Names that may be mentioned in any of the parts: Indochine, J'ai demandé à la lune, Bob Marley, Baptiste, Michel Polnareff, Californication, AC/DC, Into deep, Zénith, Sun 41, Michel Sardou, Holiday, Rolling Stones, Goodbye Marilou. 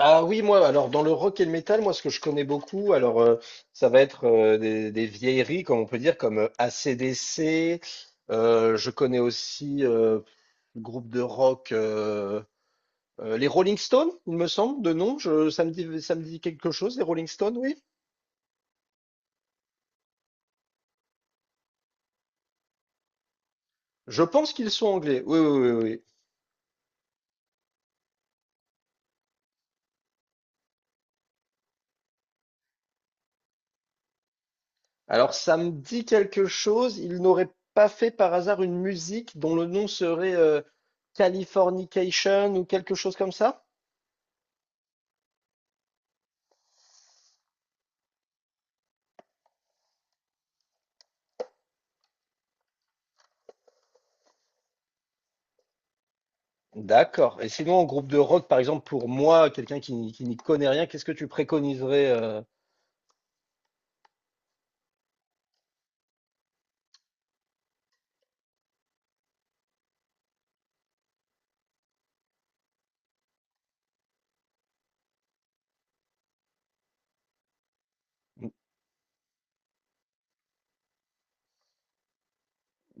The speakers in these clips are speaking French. Ah oui, moi, alors dans le rock et le métal, moi ce que je connais beaucoup, alors ça va être des vieilleries, comme on peut dire, comme AC/DC. Je connais aussi le groupe de rock, les Rolling Stones, il me semble, de nom. Ça me dit quelque chose, les Rolling Stones, oui. Je pense qu'ils sont anglais. Oui, oui, oui, oui. Alors ça me dit quelque chose. Ils n'auraient pas fait par hasard une musique dont le nom serait Californication ou quelque chose comme ça? D'accord. Et sinon, en groupe de rock, par exemple, pour moi, quelqu'un qui n'y connaît rien, qu'est-ce que tu préconiserais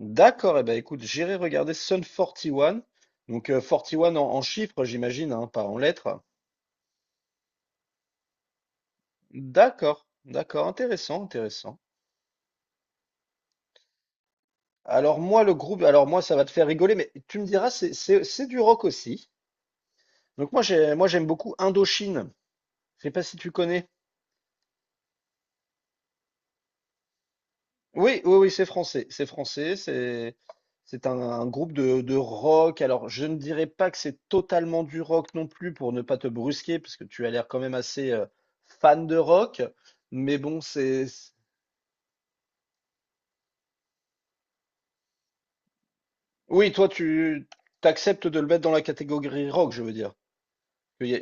D'accord. Eh ben, écoute, j'irai regarder Sun 41. Donc, 41 en, en chiffres, j'imagine, hein, pas en lettres. D'accord. D'accord. Intéressant, intéressant. Alors, moi, le groupe, alors moi, ça va te faire rigoler, mais tu me diras, c'est du rock aussi. Donc, moi, j'aime beaucoup Indochine. Je sais pas si tu connais. Oui, oui, oui, c'est français. C'est français. C'est un groupe de rock. Alors, je ne dirais pas que c'est totalement du rock non plus pour ne pas te brusquer, parce que tu as l'air quand même assez fan de rock. Mais bon, c'est. Oui, toi, tu t'acceptes de le mettre dans la catégorie rock, je veux dire. Il y a.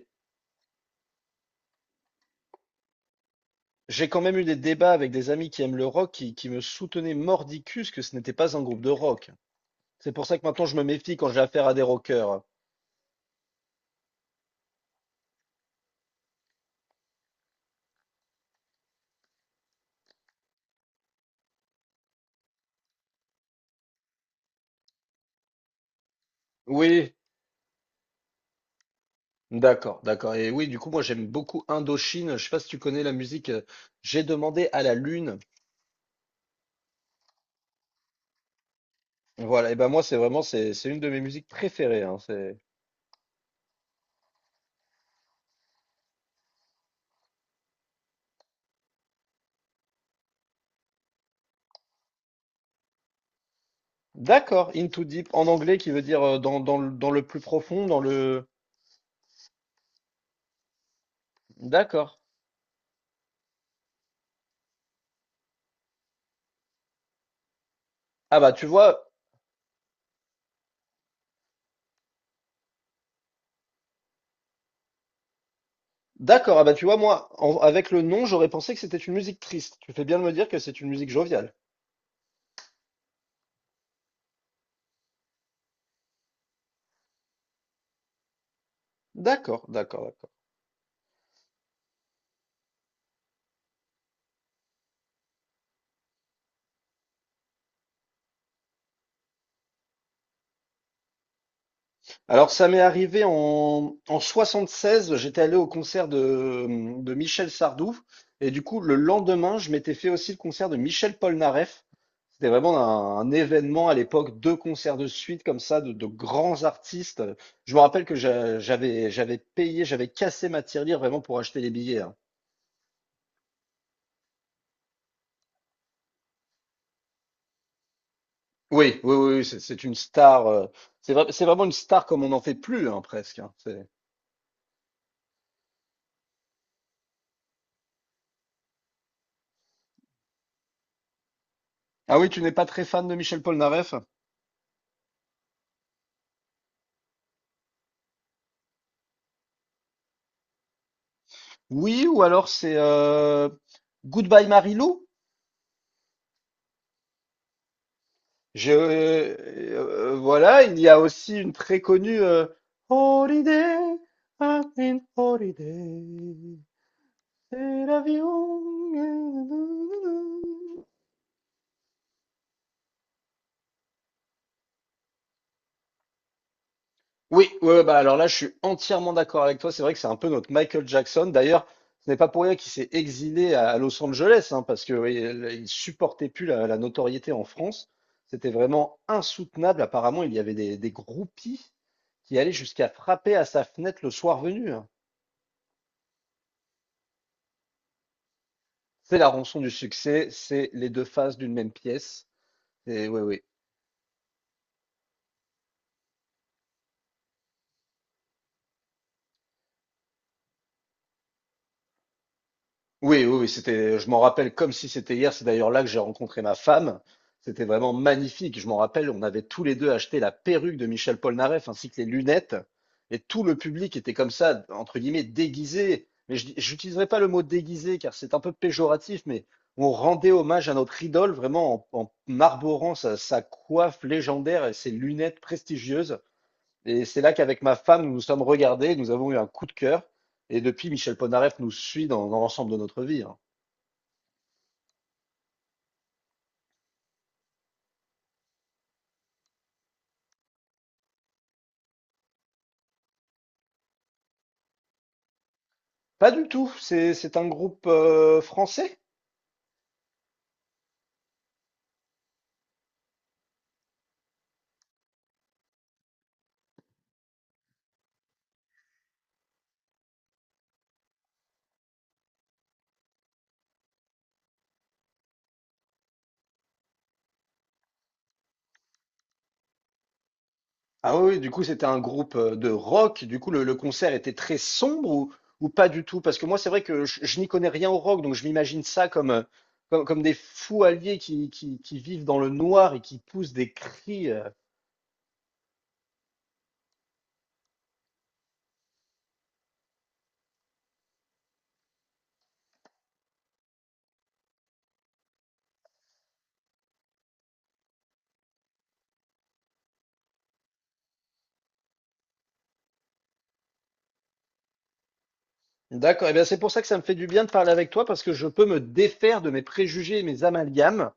J'ai quand même eu des débats avec des amis qui aiment le rock qui me soutenaient mordicus que ce n'était pas un groupe de rock. C'est pour ça que maintenant je me méfie quand j'ai affaire à des rockers. Oui. D'accord, d'accord. Et oui, du coup, moi, j'aime beaucoup Indochine. Je sais pas si tu connais la musique. J'ai demandé à la lune. Voilà. Et ben moi, c'est vraiment, c'est une de mes musiques préférées, hein. C'est. D'accord. Into deep en anglais, qui veut dire dans, dans le plus profond, dans le. D'accord. Ah bah tu vois. D'accord. Ah bah tu vois, moi, avec le nom, j'aurais pensé que c'était une musique triste. Tu fais bien de me dire que c'est une musique joviale. D'accord, d'accord, d'accord. Alors, ça m'est arrivé en 76, j'étais allé au concert de Michel Sardou, et du coup, le lendemain, je m'étais fait aussi le concert de Michel Polnareff. C'était vraiment un événement à l'époque, deux concerts de suite comme ça, de grands artistes. Je me rappelle que j'avais payé, j'avais cassé ma tirelire vraiment pour acheter les billets, hein. Oui, oui, oui, oui, c'est une star. C'est vraiment une star comme on n'en fait plus, hein, presque, hein. C'est. Ah oui, tu n'es pas très fan de Michel Polnareff? Oui, ou alors c'est Goodbye Marilou. Voilà, il y a aussi une très connue Holiday, I've been holiday, c'est l'avion. Oui, ouais, ouais, bah alors là, je suis entièrement d'accord avec toi. C'est vrai que c'est un peu notre Michael Jackson. D'ailleurs, ce n'est pas pour rien qu'il s'est exilé à Los Angeles, hein, parce que oui, il supportait plus la, la notoriété en France. C'était vraiment insoutenable. Apparemment, il y avait des groupies qui allaient jusqu'à frapper à sa fenêtre le soir venu, hein. C'est la rançon du succès, c'est les deux faces d'une même pièce. Et oui, oui. Oui, oui, oui, c'était, je m'en rappelle comme si c'était hier. C'est d'ailleurs là que j'ai rencontré ma femme. C'était vraiment magnifique. Je m'en rappelle, on avait tous les deux acheté la perruque de Michel Polnareff ainsi que les lunettes. Et tout le public était comme ça, entre guillemets, déguisé. Mais je n'utiliserai pas le mot déguisé car c'est un peu péjoratif, mais on rendait hommage à notre idole vraiment en arborant sa, sa coiffe légendaire et ses lunettes prestigieuses. Et c'est là qu'avec ma femme, nous nous sommes regardés, nous avons eu un coup de cœur. Et depuis, Michel Polnareff nous suit dans, dans l'ensemble de notre vie, hein. Pas du tout, c'est un groupe français. Ah oui, oui, du coup, c'était un groupe de rock. Du coup, le concert était très sombre ou pas du tout? Parce que moi, c'est vrai que je n'y connais rien au rock, donc je m'imagine ça comme, comme, comme des fous alliés qui vivent dans le noir et qui poussent des cris. D'accord, et bien c'est pour ça que ça me fait du bien de parler avec toi, parce que je peux me défaire de mes préjugés et mes amalgames.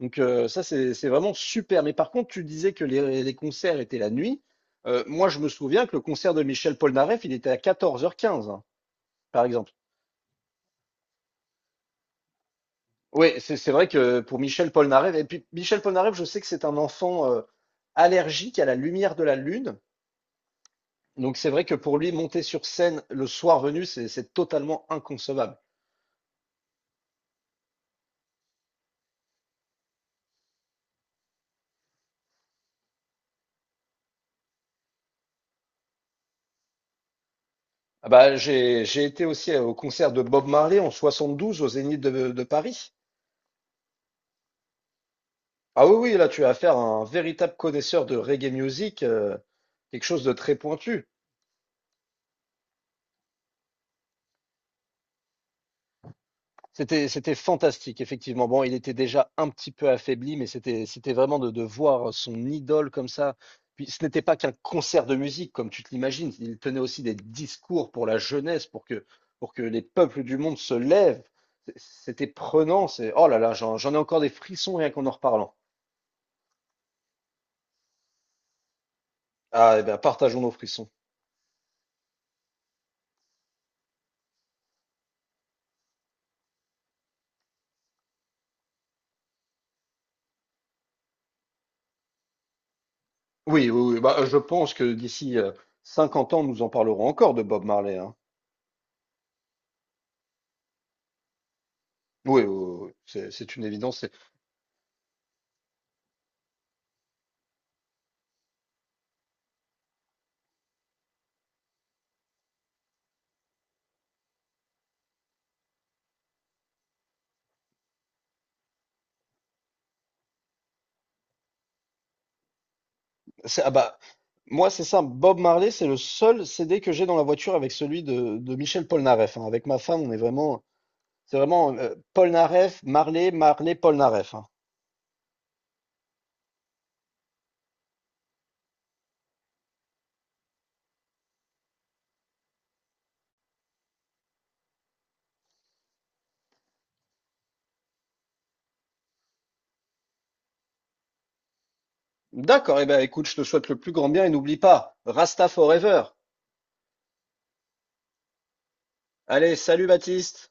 Donc ça, c'est vraiment super. Mais par contre, tu disais que les concerts étaient la nuit. Moi, je me souviens que le concert de Michel Polnareff, il était à 14 h 15, hein, par exemple. Oui, c'est vrai que pour Michel Polnareff, et puis Michel Polnareff, je sais que c'est un enfant allergique à la lumière de la lune. Donc c'est vrai que pour lui, monter sur scène le soir venu, c'est totalement inconcevable. Ah bah, j'ai été aussi au concert de Bob Marley en 72 au Zénith de Paris. Ah oui, oui, là tu as affaire à un véritable connaisseur de reggae music, quelque chose de très pointu. C'était, c'était fantastique, effectivement. Bon, il était déjà un petit peu affaibli, mais c'était, c'était vraiment de voir son idole comme ça. Puis ce n'était pas qu'un concert de musique, comme tu te l'imagines. Il tenait aussi des discours pour la jeunesse, pour que les peuples du monde se lèvent. C- C'était prenant. C'est, oh là là, j'en ai encore des frissons rien qu'en en reparlant. Ah, eh bien, partageons nos frissons. Oui, oui, oui. Bah, je pense que d'ici 50 ans, nous en parlerons encore de Bob Marley, hein. Oui, oui, oui, oui. C'est une évidence. C'est, ah bah, moi, c'est simple. Bob Marley, c'est le seul CD que j'ai dans la voiture avec celui de Michel Polnareff, hein. Avec ma femme, on est vraiment, c'est vraiment Polnareff, Marley, Marley, Polnareff, hein. D'accord. Eh ben, écoute, je te souhaite le plus grand bien et n'oublie pas, Rasta Forever. Allez, salut Baptiste.